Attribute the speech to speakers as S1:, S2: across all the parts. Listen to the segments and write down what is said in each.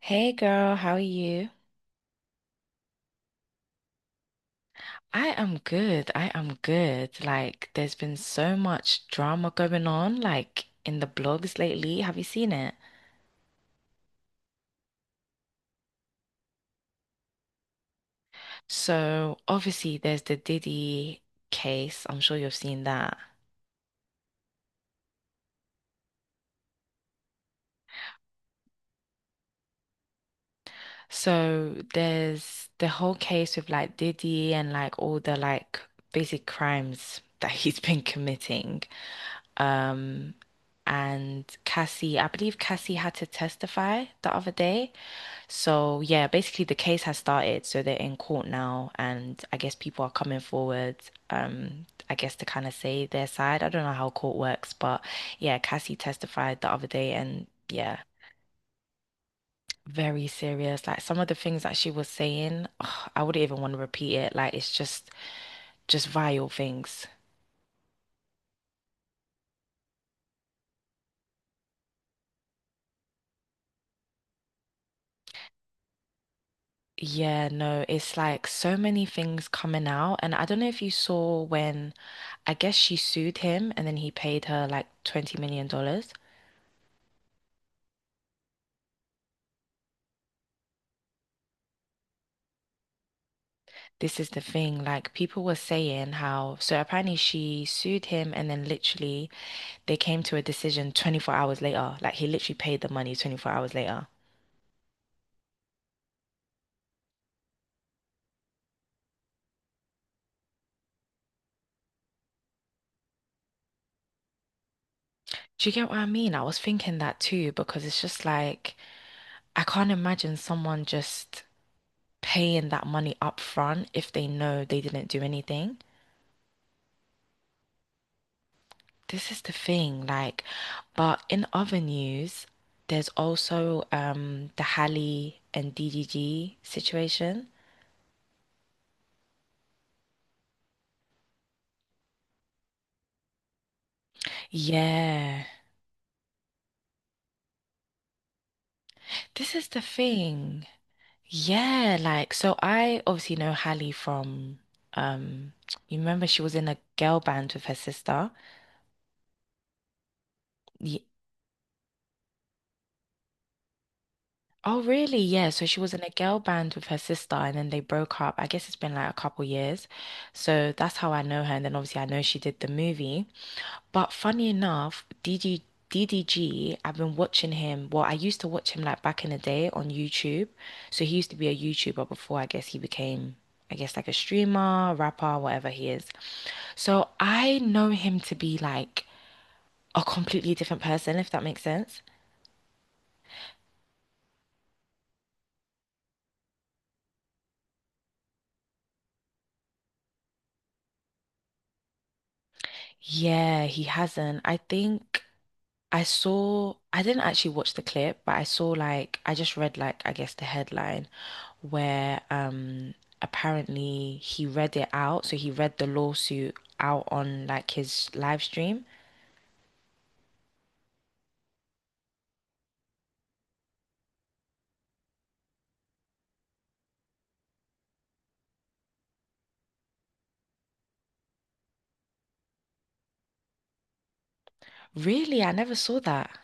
S1: Hey girl, how are you? I am good. I am good. Like, there's been so much drama going on, like in the blogs lately. Have you seen it? So, obviously, there's the Diddy case. I'm sure you've seen that. So, there's the whole case with like Diddy and like all the like basic crimes that he's been committing. Um, and Cassie, I believe Cassie had to testify the other day. So yeah, basically the case has started, so they're in court now, and I guess people are coming forward, I guess to kind of say their side. I don't know how court works, but yeah, Cassie testified the other day, and yeah, very serious. Like some of the things that she was saying, ugh, I wouldn't even want to repeat it. Like it's just vile things. Yeah, no, it's like so many things coming out. And I don't know if you saw when I guess she sued him and then he paid her like $20 million dollars. This is the thing, like people were saying how, so apparently she sued him and then literally they came to a decision 24 hours later. Like he literally paid the money 24 hours later. Do you get what I mean? I was thinking that too because it's just like I can't imagine someone just paying that money up front if they know they didn't do anything. This is the thing, like, but in other news, there's also the Halle and DDG situation. Yeah. This is the thing. Yeah, like so I obviously know Hallie from um you remember she was in a girl band with her sister. Ye- Oh really? Yeah, so she was in a girl band with her sister and then they broke up. I guess it's been like a couple years. So that's how I know her and then obviously I know she did the movie. But funny enough, DDD have been watching him. Well, I used to watch him like back in the day on YouTube. So he used to be a YouTuber before I guess he became, I guess, like a streamer, rapper, whatever he is. So I know him to be like a completely different person, if that makes sense. Yeah, he hasn't. I think I saw, I didn't actually watch the clip, but I saw like, I just read like, I guess the headline, where apparently he read it out. So he read the lawsuit out on like his live stream. Really? I never saw that.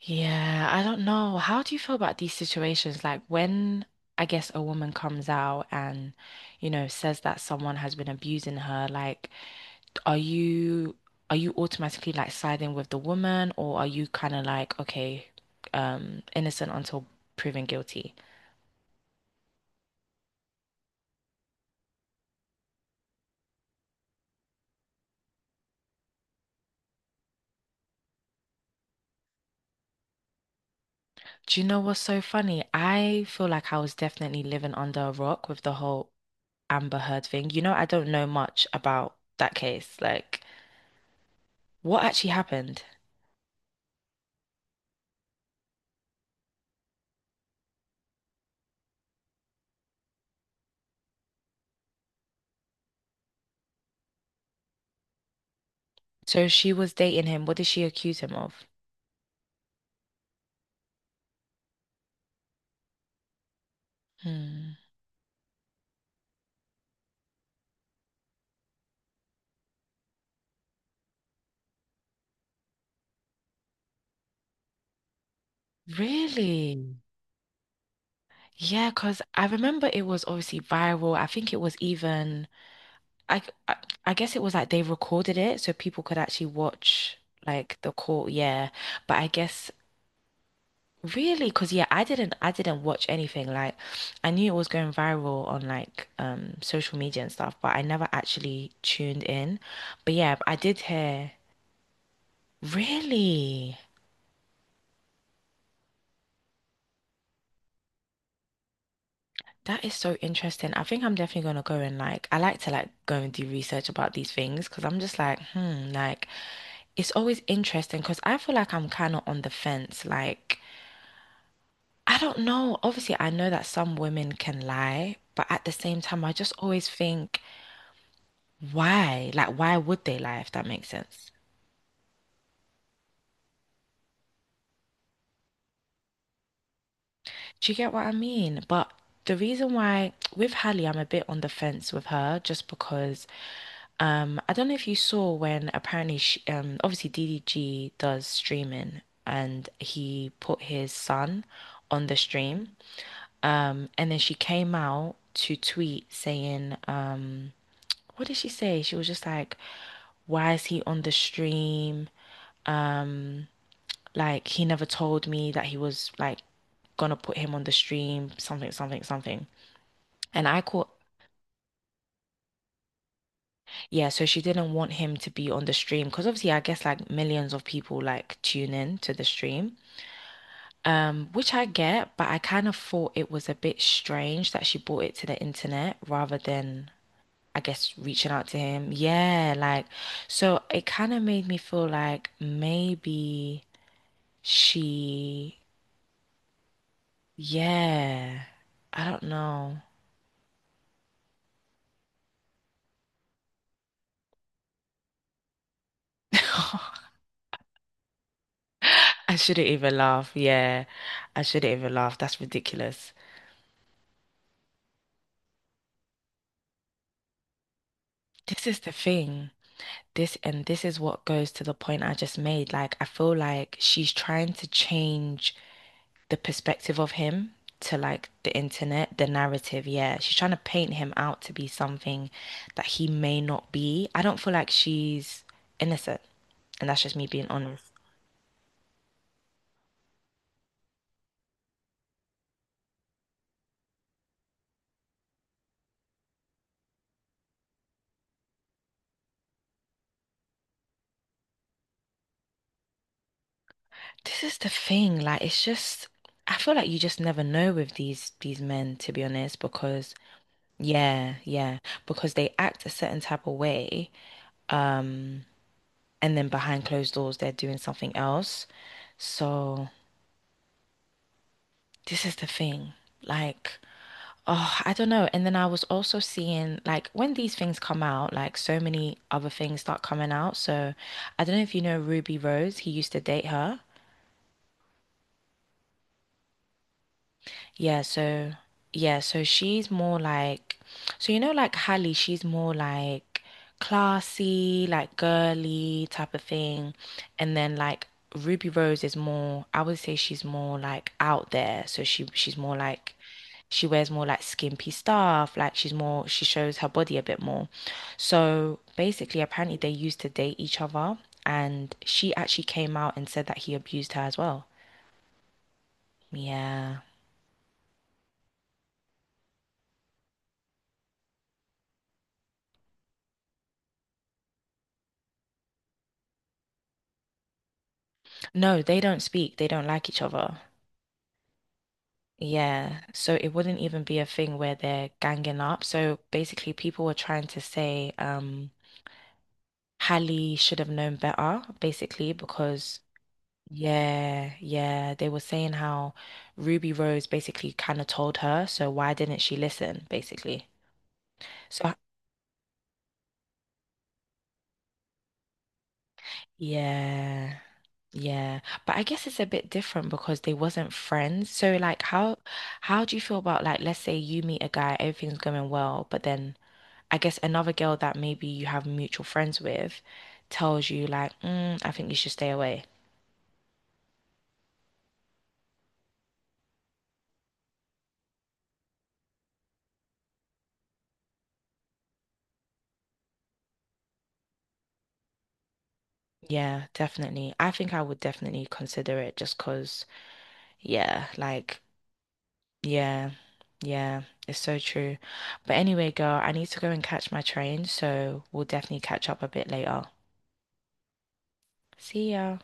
S1: Yeah, I don't know. How do you feel about these situations? Like when I guess a woman comes out and, you know, says that someone has been abusing her, like are you are you automatically like siding with the woman or are you kind of like, okay, innocent until proven guilty? Do you know what's so funny? I feel like I was definitely living under a rock with the whole Amber Heard thing. You know, I don't know much about that case. Like, what actually happened? So she was dating him. What did she accuse him of? Hmm. Really? Yeah, because I remember it was obviously viral. I think it was even, I, I, I guess it was like they recorded it so people could actually watch like the court. Yeah. But I guess Really? Because yeah, I didn't watch anything. Like I knew it was going viral on like social media and stuff, but I never actually tuned in. But yeah, I did hear. Really? That is so interesting. I think I'm definitely gonna go and like I like to like go and do research about these things because I'm just like, hmm, like it's always interesting because I feel like I'm kind of on the fence. Like I don't know. Obviously, I know that some women can lie, but at the same time, I just always think why? Like, why would they lie if that makes sense? Do you get what I mean? But the reason why with Hallie, I'm a bit on the fence with her just because I don't know if you saw when apparently obviously DDG does streaming and he put his son on the stream. And then she came out to tweet saying what did she say? She was just like, why is he on the stream? Um Like he never told me that he was like gonna put him on the stream, something, something, something. And I caught, yeah, so she didn't want him to be on the stream because obviously I guess like millions of people like tune in to the stream. Which I get, but I kind of thought it was a bit strange that she brought it to the internet rather than, I guess, reaching out to him. Yeah, like, so it kind of made me feel like maybe she, yeah, I don't know. I shouldn't even laugh. Yeah, I shouldn't even laugh. That's ridiculous. This is the thing. This is what goes to the point I just made. Like, I feel like she's trying to change the perspective of him to like the internet, the narrative. Yeah, she's trying to paint him out to be something that he may not be. I don't feel like she's innocent, and that's just me being honest. This is the thing. Like, it's just I feel like you just never know with these men, to be honest, because yeah, yeah, because they act a certain type of way, um, and then behind closed doors they're doing something else. So this is the thing. Like, oh, I don't know. And then I was also seeing like when these things come out, like so many other things start coming out. So I don't know if you know Ruby Rose, he used to date her. Yeah, so she's more like so you know like Hallie, she's more like classy, like girly type of thing. And then like Ruby Rose is more I would say she's more like out there. So she's more like she wears more like skimpy stuff, like she shows her body a bit more. So basically apparently they used to date each other and she actually came out and said that he abused her as well. Yeah. No, they don't speak. They don't like each other. Yeah. So it wouldn't even be a thing where they're ganging up. So basically, people were trying to say, Hallie should have known better, basically, because yeah, yeah, they were saying how Ruby Rose basically kind of told her, so why didn't she listen, basically? So yeah. Yeah, but I guess it's a bit different because they wasn't friends. So like how do you feel about like let's say you meet a guy, everything's going well, but then I guess another girl that maybe you have mutual friends with tells you like, I think you should stay away. Yeah, definitely. I think I would definitely consider it just 'cause, yeah, like, yeah, yeah, it's so true. But anyway, girl, I need to go and catch my train, so we'll definitely catch up a bit later. See ya.